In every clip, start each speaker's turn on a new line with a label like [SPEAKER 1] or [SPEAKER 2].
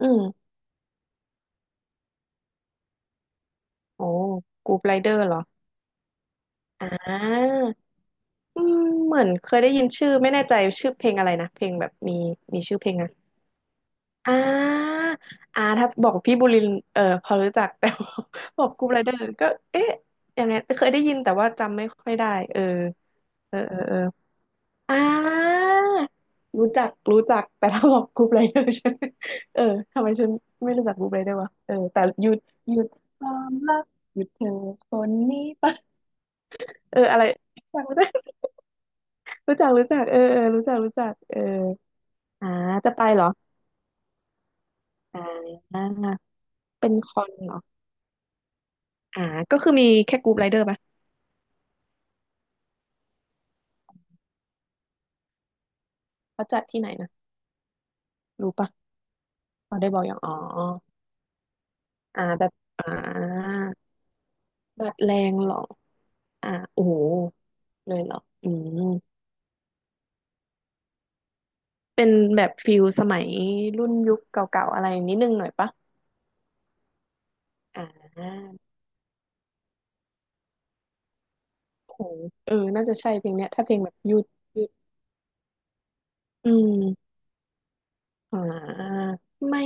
[SPEAKER 1] อืมโอ้กรูปไรเดอร์เหรออ่าอืมเหมือนเคยได้ยินชื่อไม่แน่ใจชื่อเพลงอะไรนะเพลงแบบมีชื่อเพลงอะอ่าถ้าบอกพี่บุรินทร์เออพอรู้จัก แต่ว่าบอกกรูปไรเดอร์ก็เอ๊ะอย่างนี้เคยได้ยินแต่ว่าจำไม่ค่อยได้เออเอออ่ารู้จักรู้จักแต่ถ้าบอกกรูปไรเดอร์ฉันเออทำไมฉันไม่รู้จักกรูปไรเดอร์วะเออแต่หยุดหยุดความรักหยุดเธอคนนี้ไป เอออะไร รู้จักเออเออรู้จักเอออ่าจะไปเหรออ่าเป็นคอนเหรออ่าก็คือมีแค่กรุ๊ปไรเดอร์ปะเขาจัดที่ไหนนะรู้ปะเขาได้บอกอย่างอ๋อแบบอ่าแบบแรงเหรอโอ้โหเลยเหรออืมเป็นแบบฟิลสมัยรุ่นยุคเก่าๆอะไรนิดนึงหน่อยปะอ่าโอ้โหเออน่าจะใช่เพลงเนี้ยถ้าเพลงแบบยุดยุดอืม อ่าไม่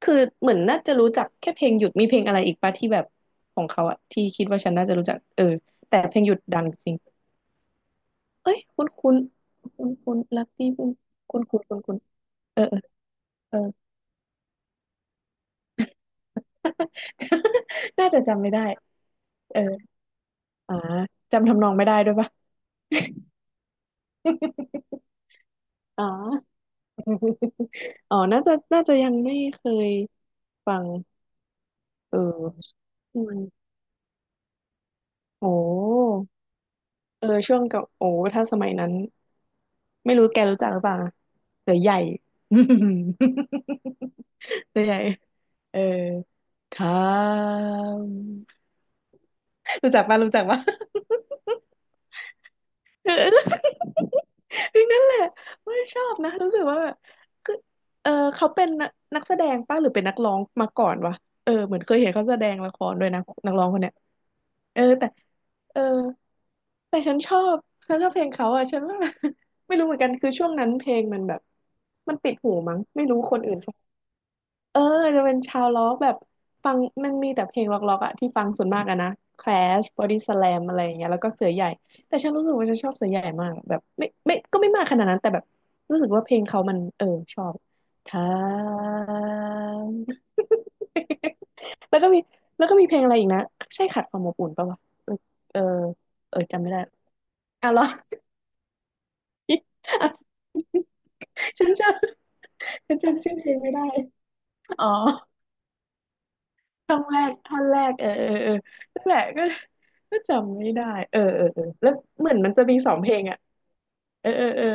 [SPEAKER 1] คือเหมือนน่าจะรู้จักแค่เพลงหยุดมีเพลงอะไรอีกปะที่แบบของเขาอะที่คิดว่าฉันน่าจะรู้จักเออแต่เพลงหยุดดังจริงเอ้ยคุณนคุณคุณคุณรักที่คุณคุณคุณนคุณคุณเออเออ เออ น่าจะจำไม่ได้เอออ่าจำทำนองไม่ได้ด้วยปะ อ๋ออ๋อน่าจะยังไม่เคยฟังเออช่วงโอ้เออช่วงกับโอ้ถ้าสมัยนั้น ไม่รู้แกรู้จักหรือเปล่านะเสือใหญ่ เสือใหญ่ เออทามรู้จักป่ะรู้จักป่ะ เออ พลงนั้นแหละไม่ชอบนะรู้สึกว่าแบบคือเออเขาเป็นนักแสดงป้ะหรือเป็นนักร้องมาก่อนวะเออเหมือนเคยเห็นเขาแสดงละครด้วยนะนักร้องคนเนี้ยเออแต่เออแต่ฉันชอบฉันชอบเพลงเขาอ่ะฉันว่า ไม่รู้เหมือนกันคือช่วงนั้นเพลงมันแบบมันติดหูมั้งไม่รู้คนอื่น เออจะเป็นชาวล็อกแบบฟังมันมีแต่เพลงล็อกๆอะที่ฟังส่วนมากอะนะ Clash Body Slam อะไรอย่างเงี้ยแล้วก็เสือใหญ่แต่ฉันรู้สึกว่าฉันชอบเสือใหญ่มากแบบไม่ก็ไม่มากขนาดนั้นแต่แบบรู้สึกว่าเพลงเขามันเออชอบทาง แล้วก็มีแล้วก็มีเพลงอะไรอีกนะใช่ขัดความอบอุ่นป่าวะเออเออเออจำไม่ได้อ่ะเหรอ ฉันจำฉันจำชื่อเพลงไม่ได้อ๋อ ท่อนแรกท่อนแรกเออเออเออนั่นแหละก็ก็จำไม่ได้เออเออเออแล้วเหมือนมันจะมีสองเพลงอ่ะเออเออเออ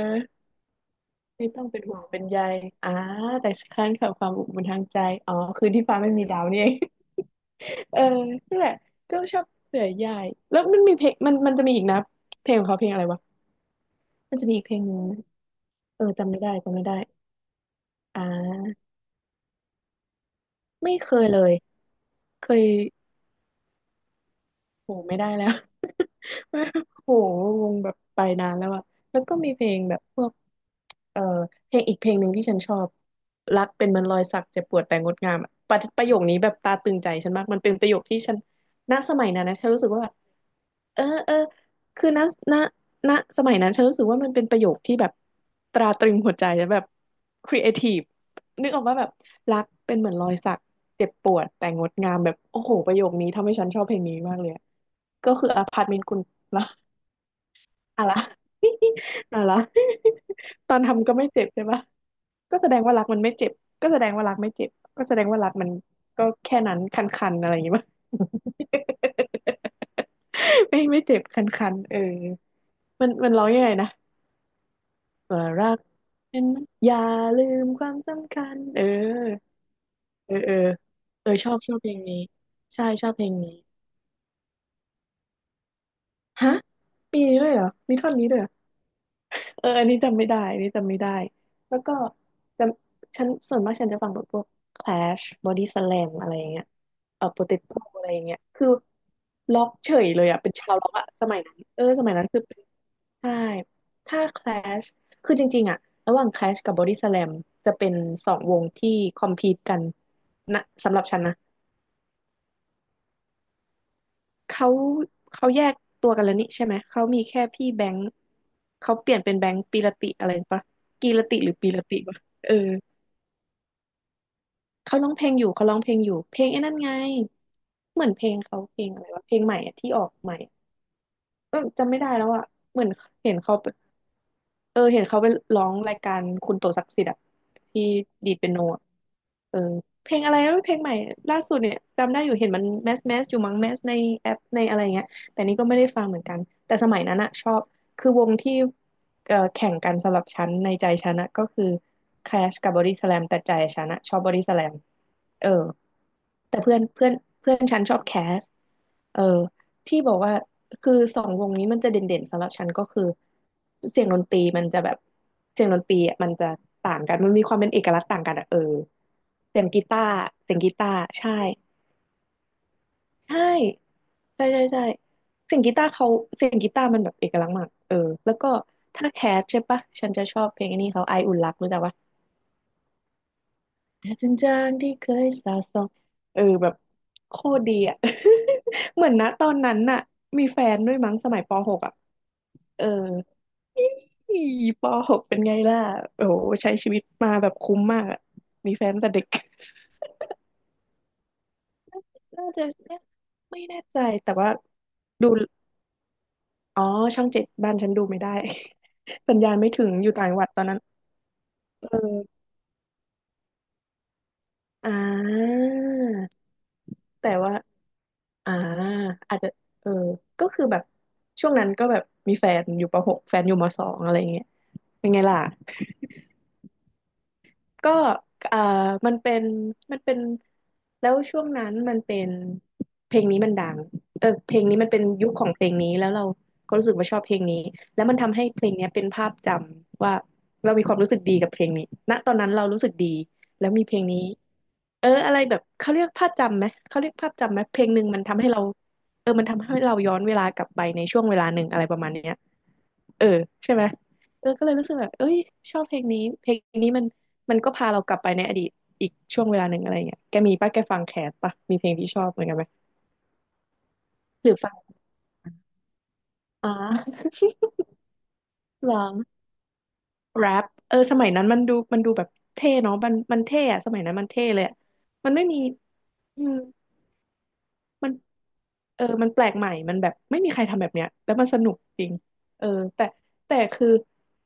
[SPEAKER 1] ไม่ต้องเป็นห่วงเป็นใยอ่าแต่ค้างกับความอบอุ่นทางใจอ๋อคือที่ฟ้าไม่มีดาวนี่เอง เออนั่นแหละก็ชอบเสือใหญ่แล้วมันมีเพลงมันจะมีอีกนะเพลงของเขาเพลงอะไรวะมันจะมีอีกเพลงหนึงจำไม่ได้จำไม่ได้อ่าไม่เคยเลยเคยโหไม่ได้แล้ว โหวงแบบไปนานแล้วอะแล้วก็มีเพลงแบบพวกเอ่อเพลงอีกเพลงหนึ่งที่ฉันชอบรักเป็นเหมันรอยสักเจ็บปวดแต่งดงามอะประโยคนี้แบบตาตึงใจฉันมากมันเป็นประโยคที่ฉันณสมัยนั้นนะฉันรู้สึกว่าเออเออคือณณสมัยนั้นฉันรู้สึกว่ามันเป็นประโยคที่แบบตราตรึงหัวใจและแบบครีเอทีฟนึกออกว่าแบบรักเป็นเหมือนรอยสักเจ็บปวดแต่งดงามแบบโอ้โหประโยคนี้ทำให้ฉันชอบเพลงนี้มากเลยอะก็คืออพาร์ตเมนต์คุณนะ อะไร อะไร ตอนทำก็ไม่เจ็บใช่ปะก็แสดงว่ารักมันไม่เจ็บก็แสดงว่ารักไม่เจ็บก็แสดงว่ารักมันก็แค่นั้นคันๆอะไรอย่างงี้ปะ ไม่ไม่เจ็บคันๆเออมันมันร้องยังไงนะว่ารักเป็นอย่าลืมความสำคัญเออเออเออเออชอบชอบเพลงนี้ใช่ชอบเพลงนี้ฮะมีด้วยเหรอมีท่อนนี้ด้วยเหรอ เอออันนี้จำไม่ได้ อันนี้จำไม่ได้ แล้วก็จฉันส่วนมากฉันจะฟังแบบพวก Clash Body Slam อะไรอย่างเงี้ยเออ Potato อะไรอย่างเงี้ยคือล็อกเฉยเลยอ่ะเป็นชาวล็อกอ่ะสมัยนั้น เออสมัยนั้นคือเป็นใช่ ถ้า Clash คือจริงๆอ่ะระหว่าง Clash กับ Body Slam จะเป็นสองวงที่คอมพีตกันนะสำหรับฉันนะ เขาเขาแยกตัวกันแล้วนี่ใช่ไหมเขามีแค่พี่แบงค์เขาเปลี่ยนเป็นแบงค์ปีละติอะไรปะกีรติหรือปีละติปะเออเขาร้องเพลงอยู่เขาร้องเพลงอยู่เพลงไอ้นั่นไงเหมือนเพลงเขาเพลงอะไรวะเพลงใหม่อะที่ออกใหม่เออจำไม่ได้แล้วอะเหมือนเห็นเขา เออเห็นเขาไปร้องรายการคุณโตศักดิ์สิทธิ์อะที่ดีดเปียโนอะเออเพลงอะไรนะเพลงใหม่ล่าสุดเนี่ยจำได้อยู่เห็นมันแมสแมสอยู่มั้งแมสในแอปในอะไรเงี้ยแต่นี่ก็ไม่ได้ฟังเหมือนกันแต่สมัยนั้นอะชอบคือวงที่เออแข่งกันสำหรับฉันในใจฉันอะก็คือ Clash กับ Body Slam แต่ใจฉันอะชอบ Body Slam เออแต่เพื่อนเพื่อนเพื่อนฉันชอบแคสเออ ที่บอกว่าคือสองวงนี้มันจะเด่นๆสำหรับฉันก็คือเสียงดนตรีมันจะแบบเสียงดนตรีอ่ะมันจะต่างกันมันมีความเป็นเอกลักษณ์ต่างกันอ่ะเออเสียงกีตาร์เสียงกีตาร์ใช่ใช่ใช่ใช่ใช่เสียงกีตาร์เขาเสียงกีตาร์มันแบบเอกลักษณ์มากเออแล้วก็ถ้าแคสใช่ปะฉันจะชอบเพลงอันนี้เขาไออุ่นรักรู้จักปะแต่จริงๆที่เคยสาสองเออแบบโคตรดีอ่ะ เหมือนนะตอนนั้นน่ะมีแฟนด้วยมั้งสมัยปหกอ่ะเออ อีปหกเป็นไงล่ะโอ้โหใช้ชีวิตมาแบบคุ้มมากอะมีแฟนแต่เด็ก น่าจะไม่แน่ใจแต่ว่าดู อ๋อช่องเจ็ดบ้านฉันดูไม่ได้ สัญญาณไม่ถึงอยู่ต่างจังหวัดตอนนั้นเอออ่าแต่ว่าอ่าอาจจะเออก็คือแบบช่วงนั้นก็แบบมีแฟนอยู่ปหกแฟนอยู่มสองอะไรอย่างเงี้ยเป็นไงล่ะ ก็เอ่อมันเป็นมันเป็นแล้วช่วงนั้นมันเป็นเพลงนี้มันดังเออเพลงนี้มันเป็นยุคของเพลงนี้แล้วเราก็รู้สึกว่าชอบเพลงนี้แล้วมันทำให้เพลงเนี้ยเป็นภาพจำว่าเรามีความรู้สึกดีกับเพลงนี้ณตอนนั้นเรารู้สึกดีแล้วมีเพลงนี้เอออะไรแบบเขาเรียกภาพจำไหมเขาเรียกภาพจำไหมเพลงหนึ่งมันทำให้เราเออมันทำให้เราย้อนเวลากลับไปในช่วงเวลาหนึ่งอะไรประมาณเนี้ย เออใช่ไหมเออก็เลยรู้สึกแบบเอ้ยชอบเพลงนี้เพลงนี้มันก็พาเรากลับไปในอดีตอีกช่วงเวลาหนึ่งอะไรเงี้ยแกมีป่ะแกฟังแคสป่ะมีเพลงที่ชอบเหมือนกันไหมหรือฟังอ๋อ เหรอแรปเออสมัยนั้นมันดูแบบเท่เนาะมันเท่อะสมัยนั้นมันเท่เลยอะมันไม่มีอืม มันเออมันแปลกใหม่มันแบบไม่มีใครทำแบบเนี้ย แล้วมันสนุกจริงเออแต่แต่คือ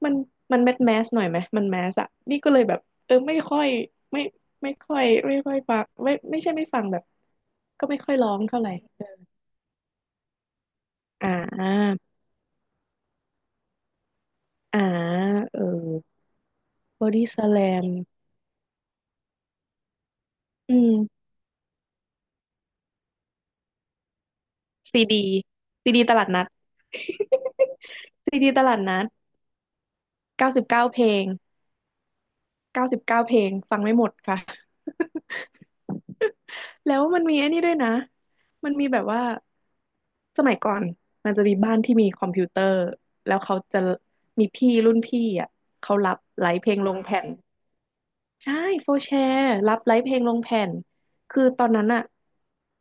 [SPEAKER 1] มันมันแมสแมสหน่อยไหม มันแมสอะนี่ก็เลยแบบเออไม่ค่อยไม่ฟังไม่ใช่ไม่ฟังแบบก็ไม่ค่อยร้องเท่าไหร่ออ่าอ่าเออบอดี้สแลมอืมซีดีซีดีตลาดนัด ซีดีตลาดนัด99 เพลงเก้าสิบเก้าเพลงฟังไม่หมดค่ะ แล้วมันมีไอ้นี่ด้วยนะ มันมีแบบว่าสมัยก่อนมันจะมีบ้านที่มีคอมพิวเตอร์แล้วเขาจะมีพี่รุ่นพี่อ่ะเขารับไลฟ์เพลงลงแผ่น ใช่โฟร์แชร์รับไลฟ์เพลงลงแผ่นคือตอนนั้นอะ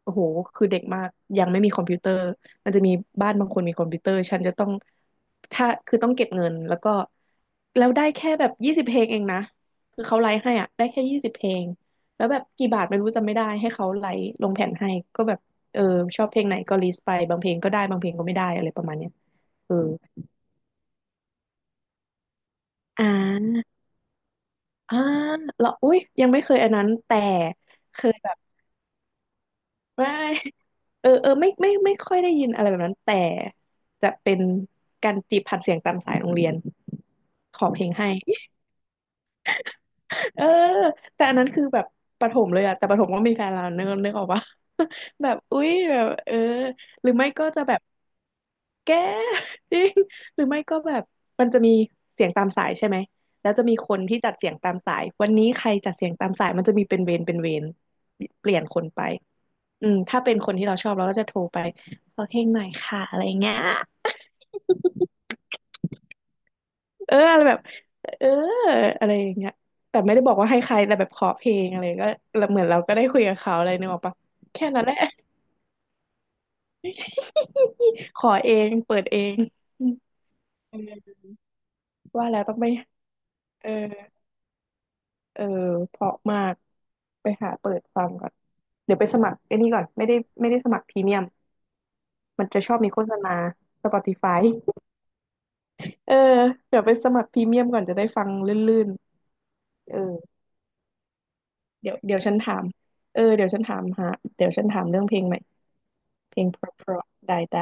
[SPEAKER 1] โอ้โหคือเด็กมากยังไม่มีคอมพิวเตอร์ มันจะมีบ้านบางคนมีคอมพิวเตอร์ ฉันจะต้องถ้าคือต้องเก็บเงินแล้วก็แล้วได้แค่แบบยี่สิบเพลงเองนะคือเขาไลฟ์ให้อะได้แค่ยี่สิบเพลงแล้วแบบกี่บาทไม่รู้จำไม่ได้ให้เขาไลฟ์ลงแผ่นให้ก็แบบเออชอบเพลงไหนก็ลิสต์ไปบางเพลงก็ได้บางเพลงก็ไม่ได้อะไรประมาณเนี้ยเอออ่าอ่าแร้อุ้ยยังไม่เคยอันนั้นแต่เคยแบบไม่ เออเออไม่ไม่ค่อยได้ยินอะไรแบบนั้นแต่จะเป็นการจีบผ่านเสียงตามสายโรงเรียนขอเพลงให้ เออแต่อันนั้นคือแบบประถมเลยอะแต่ประถมก็มีแฟนแล้วนึกออกปะ แบบอุ๊ยแบบเออหรือไม่ก็จะแบบ แก จริงหรือไม่ก็แบบมันจะมีเสียงตามสายใช่ไหมแล้วจะมีคนที่จัดเสียงตามสายวันนี้ใครจัดเสียงตามสายมันจะมีเป็นเวรเป็นเวรเปลี่ยนคนไปอืมถ้าเป็นคนที่เราชอบเราก็จะโทรไปขอเพลงหน่อยค่ะอะไรอย่างเงี้ยเอออะไรแบบเอออะไรอย่างเงี้ยแต่ไม่ได้บอกว่าให้ใครแต่แบบขอเพลงอะไรก็เหมือนเราก็ได้คุยกับเขาอะไรนึกออกปะแค่นั้นแหละ ขอเองเปิดเองอืมว่าแล้วต้องไปเออ เออเพราะมากไปหาเปิดฟังก่อนเดี๋ยวไปสมัครไอ้นี่ก่อนไม่ได้ไม่ได้สมัครพรีเมียมมันจะชอบมีโฆษณา Spotify เออเดี๋ยวไปสมัครพรีเมียมก่อนจะได้ฟังลื่นๆเออเดี๋ยวฉันถามเออเดี๋ยวฉันถามหาเดี๋ยวฉันถามเรื่องเพลงใหม่เพลงเพราะๆได้ได้